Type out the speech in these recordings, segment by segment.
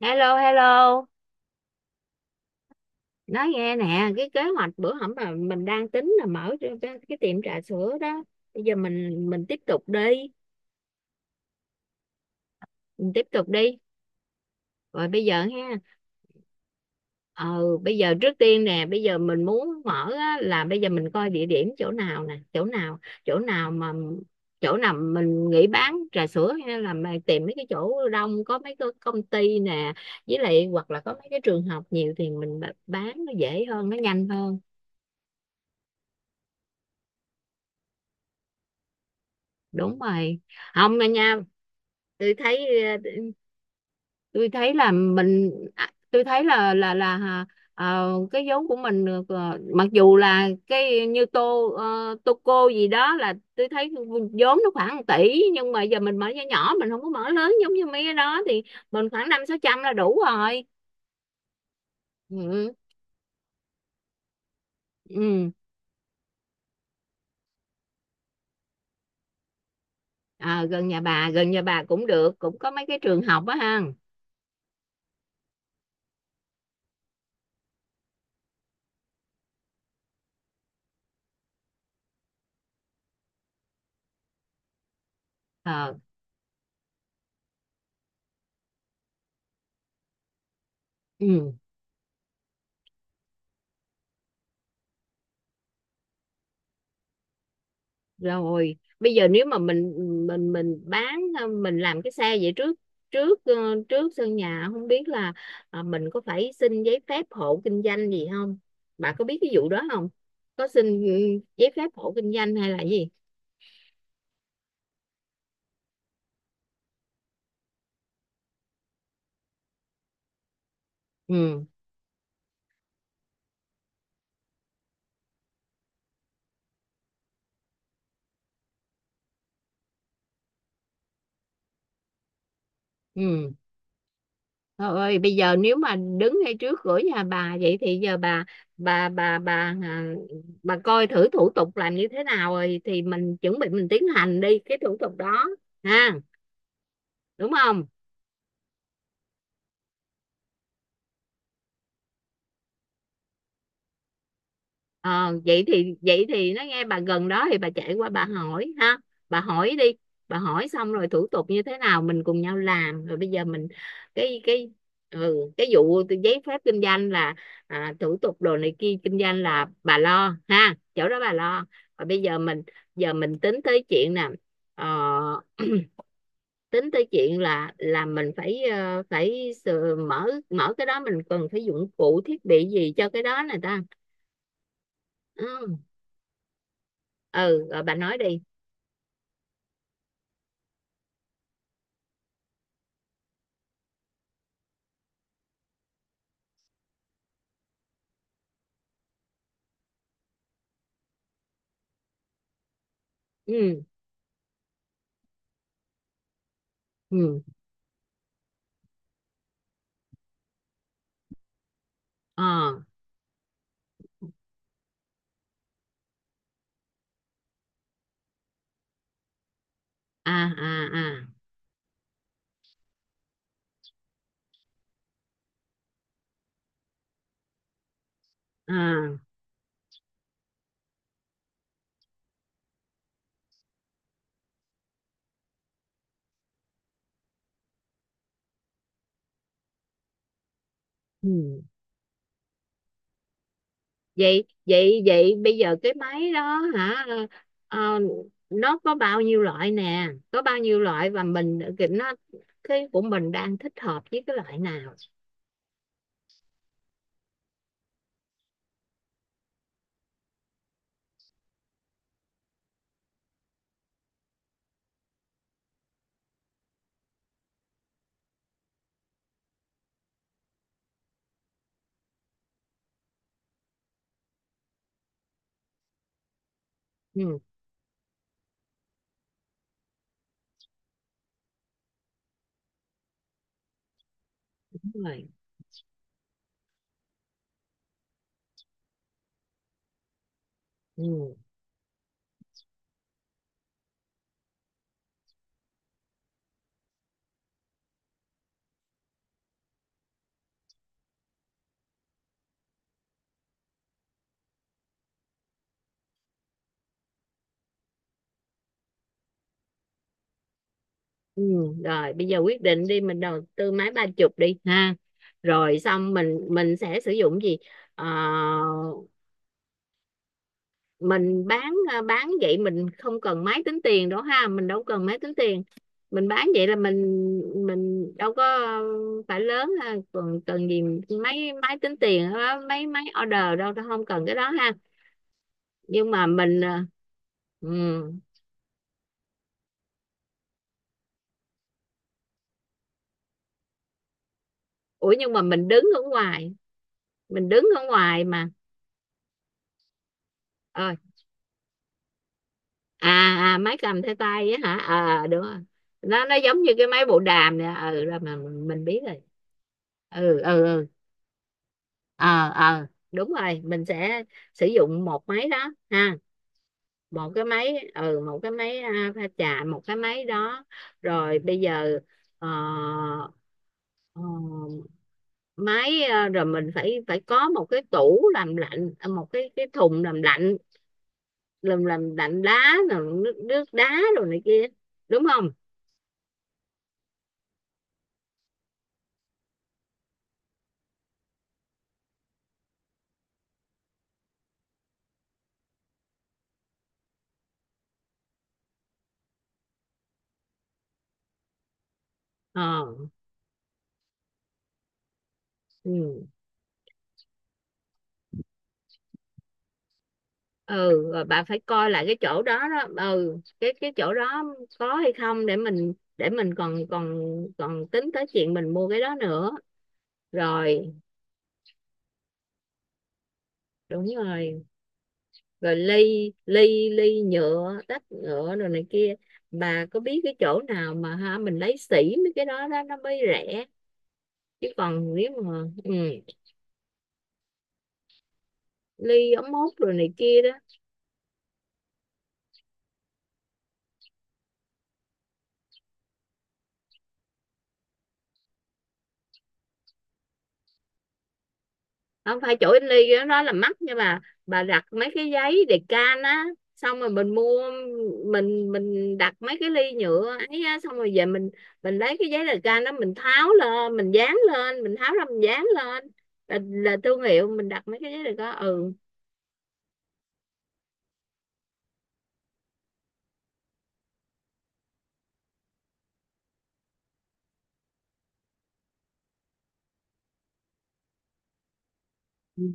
Hello, hello. Nói nghe nè, cái kế hoạch bữa hổm mà mình đang tính là mở cái tiệm trà sữa đó. Bây giờ mình tiếp tục đi, mình tiếp tục đi. Rồi bây giờ ha. Ờ Bây giờ trước tiên nè, bây giờ mình muốn mở á, là bây giờ mình coi địa điểm chỗ nào nè, chỗ nào mà chỗ nào mình nghĩ bán trà sữa, hay là mà tìm mấy cái chỗ đông có mấy cái công ty nè, với lại hoặc là có mấy cái trường học nhiều thì mình bán nó dễ hơn, nó nhanh hơn. Đúng rồi. Không mà nha. tôi thấy ờ, tôi thấy là cái vốn của mình được, mặc dù là cái như tô tô cô gì đó, là tôi thấy vốn nó khoảng 1 tỷ, nhưng mà giờ mình mở nhỏ nhỏ, mình không có mở lớn giống như mấy cái đó thì mình khoảng năm sáu trăm là đủ rồi. Ừ, ừ. Ừ. À, gần nhà bà, gần nhà bà cũng được, cũng có mấy cái trường học á ha. Ờ, ừ. Rồi bây giờ nếu mà mình bán mình làm cái xe vậy trước, trước ờ, trước sân nhà, không biết là mình có phải xin giấy phép hộ kinh doanh gì không, bà có biết cái vụ đó không, có xin giấy phép hộ kinh doanh hay là gì. Ừ. Ừ. Trời ơi, bây giờ nếu mà đứng ngay trước cửa nhà bà vậy thì giờ bà, bà bà bà à, bà coi thử thủ tục làm như thế nào rồi thì mình chuẩn bị mình tiến hành đi cái thủ tục đó ha, đúng không. Ờ, vậy thì nó nghe bà gần đó thì bà chạy qua bà hỏi ha, bà hỏi đi, bà hỏi xong rồi thủ tục như thế nào mình cùng nhau làm, rồi bây giờ mình, cái cái cái vụ từ giấy phép kinh doanh là, thủ tục đồ này kia kinh doanh là bà lo ha, chỗ đó bà lo. Và bây giờ mình, giờ mình tính tới chuyện nè, ờ, tính tới chuyện là mình phải, ờ, phải sờ- mở mở cái đó mình cần phải dụng cụ thiết bị gì cho cái đó này ta. Ừ, ừ rồi bà nói đi. Ừ, ừ. Ờ. À, à, à. À, ừ. vậy vậy vậy bây giờ cái máy đó hả, ờ, nó có bao nhiêu loại nè, có bao nhiêu loại và mình cái- nó cái của mình đang thích hợp với cái loại nào. Ừ, đúng rồi. Ừ, ừ. Rồi bây giờ quyết định đi, mình đầu tư máy 30 đi ha, rồi xong mình sẽ sử dụng gì. Ờ, mình bán vậy mình không cần máy tính tiền đó ha, mình đâu cần máy tính tiền, mình bán vậy là mình đâu có phải lớn ha, còn cần gì, mấy máy tính tiền á, mấy máy order đâu, không cần cái đó ha. Nhưng mà mình ừ. Ủa nhưng mà mình đứng ở ngoài, mình đứng ở ngoài mà. Ơi. à, À, máy cầm theo tay á hả. Ờ, đúng rồi, nó giống như cái máy bộ đàm nè, ừ, rồi mà mình biết rồi. Ừ, ừ, ừ. Ờ, ờ, đúng rồi mình sẽ sử dụng một máy đó ha, một cái máy, một cái máy, pha trà, một cái máy đó. Rồi bây giờ, ờ, ờ, rồi mình phải phải có một cái tủ làm lạnh, một cái thùng làm lạnh, làm lạnh đá, rồi nước nước đá rồi này kia, đúng không. Ờ. Ừ. Ừ rồi bà phải coi lại cái chỗ đó đó, cái chỗ đó có hay không để mình, để mình còn, còn tính tới chuyện mình mua cái đó nữa. Rồi. Đúng rồi. Rồi ly, ly nhựa, tách nhựa rồi này kia, bà có biết cái chỗ nào mà ha, mình lấy sỉ mấy cái đó đó nó mới rẻ, chứ còn nếu mà ly, ống hút rồi này kia đó. Không phải chỗ in ly đó, đó là mắc, nhưng mà bà đặt mấy cái giấy đề can á, xong rồi mình mua, mình đặt mấy cái ly nhựa ấy á, xong rồi về mình lấy cái giấy đề can đó, mình tháo lên mình dán lên, mình tháo ra mình dán lên là thương hiệu, mình đặt mấy cái giấy đề can, ừ.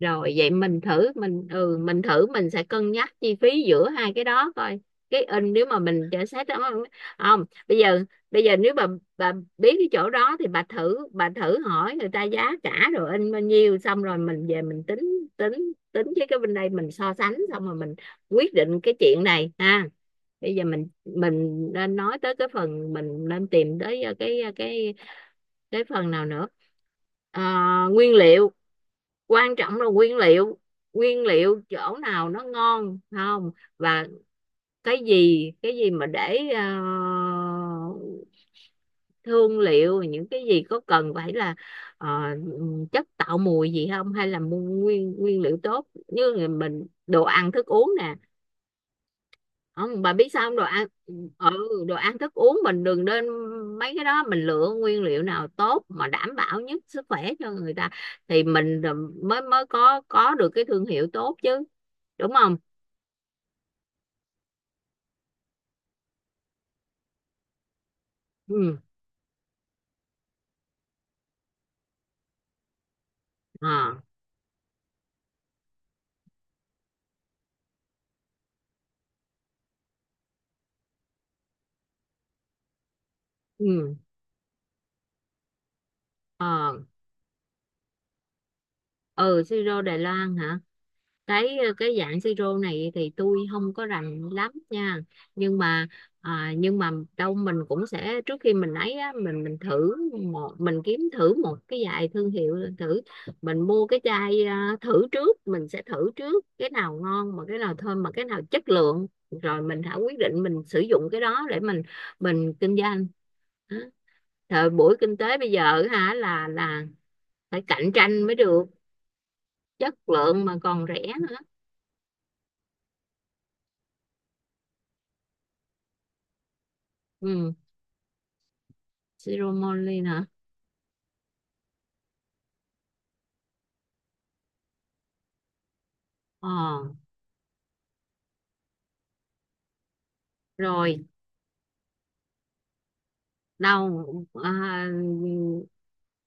Rồi vậy mình thử, mình thử, mình sẽ cân nhắc chi phí giữa hai cái đó coi cái in, nếu mà mình trả xét đó. Không, bây giờ nếu bà biết cái chỗ đó thì bà thử hỏi người ta giá cả rồi in bao nhiêu, xong rồi mình về mình tính, tính với cái bên đây mình so sánh, xong rồi mình quyết định cái chuyện này ha. Bây giờ mình nên nói tới cái phần, mình nên tìm tới cái phần nào nữa. Ờ, nguyên liệu, quan trọng là nguyên liệu. Nguyên liệu chỗ nào nó ngon không, và cái gì mà để thương liệu, những cái gì có cần phải là ờ, chất tạo mùi gì không, hay là mua nguyên nguyên liệu tốt như là mình, đồ ăn thức uống nè. Không, bà biết sao không, ừ đồ ăn thức uống mình đừng nên, mấy cái đó mình lựa nguyên liệu nào tốt mà đảm bảo nhất sức khỏe cho người ta thì mình mới mới có được cái thương hiệu tốt chứ, đúng không. Ừ. À. Ừ. À. Ừ, siro Đài Loan hả, cái dạng siro này thì tôi không có rành lắm nha, nhưng mà, à, nhưng mà đâu, mình cũng sẽ, trước khi mình ấy á, mình thử, một mình kiếm thử một cái vài thương hiệu thử, mình mua cái chai, thử trước, mình sẽ thử trước cái nào ngon mà cái nào thơm mà cái nào chất lượng, rồi mình hãy quyết định mình sử dụng cái đó để mình kinh doanh. Đó. Thời buổi kinh tế bây giờ hả, là phải cạnh tranh mới được, chất lượng mà còn rẻ nữa. Ừ. Siromolin hả? Ờ. Rồi. Đâu. à,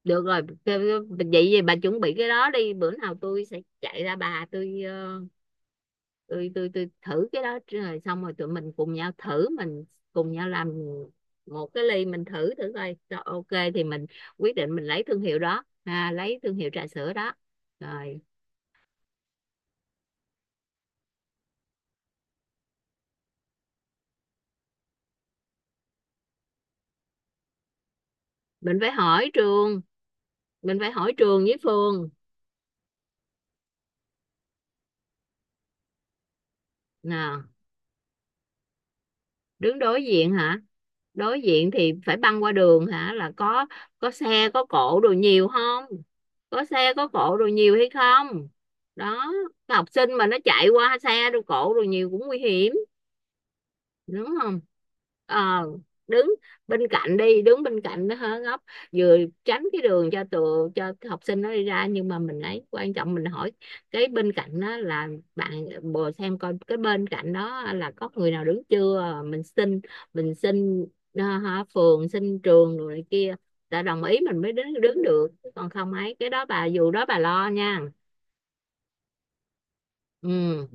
được rồi, vậy thì bà chuẩn bị cái đó đi, bữa nào tôi sẽ chạy ra bà, tôi, ờ, tôi thử cái đó, rồi xong rồi tụi mình cùng nhau thử, mình cùng nhau làm một cái ly mình thử thử coi, rồi ok thì mình quyết định mình lấy thương hiệu đó, lấy thương hiệu trà sữa đó. Rồi. Mình phải hỏi trường, mình phải hỏi trường với Phương. Nào. Đứng đối diện hả? Đối diện thì phải băng qua đường hả, là có xe có cộ đồ nhiều không, có xe có cộ đồ nhiều hay không. Đó. Cái học sinh mà nó chạy qua xe đồ cộ đồ nhiều cũng nguy hiểm, đúng không. ờ Đứng bên cạnh đi, đứng bên cạnh nó hớ góc, vừa tránh cái đường cho tụi, cho cái học sinh nó đi ra, nhưng mà mình ấy quan trọng mình hỏi cái bên cạnh đó là bạn, bồ xem coi cái bên cạnh đó là có người nào đứng chưa. Mình xin, mình xin phường, xin trường rồi này kia, đã đồng ý mình mới đứng đứng được, còn không ấy cái đó bà dù đó bà lo nha. Ừ,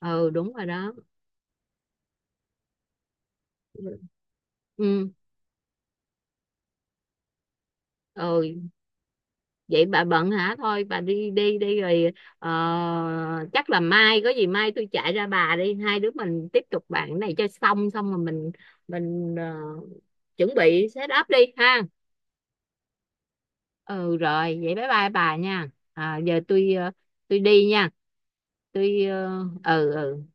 ừ, đúng rồi đó. Ừ, ừ. Vậy bà bận hả, thôi bà đi đi đi rồi, ờ, chắc là mai có gì mai tôi chạy ra bà đi, hai đứa mình tiếp tục bạn cái này cho xong, xong rồi mình, mình ờ, chuẩn bị set up đi ha. Ừ, rồi vậy bye bye bà nha, giờ tôi, tôi đi nha, tôi, ừ, ừ.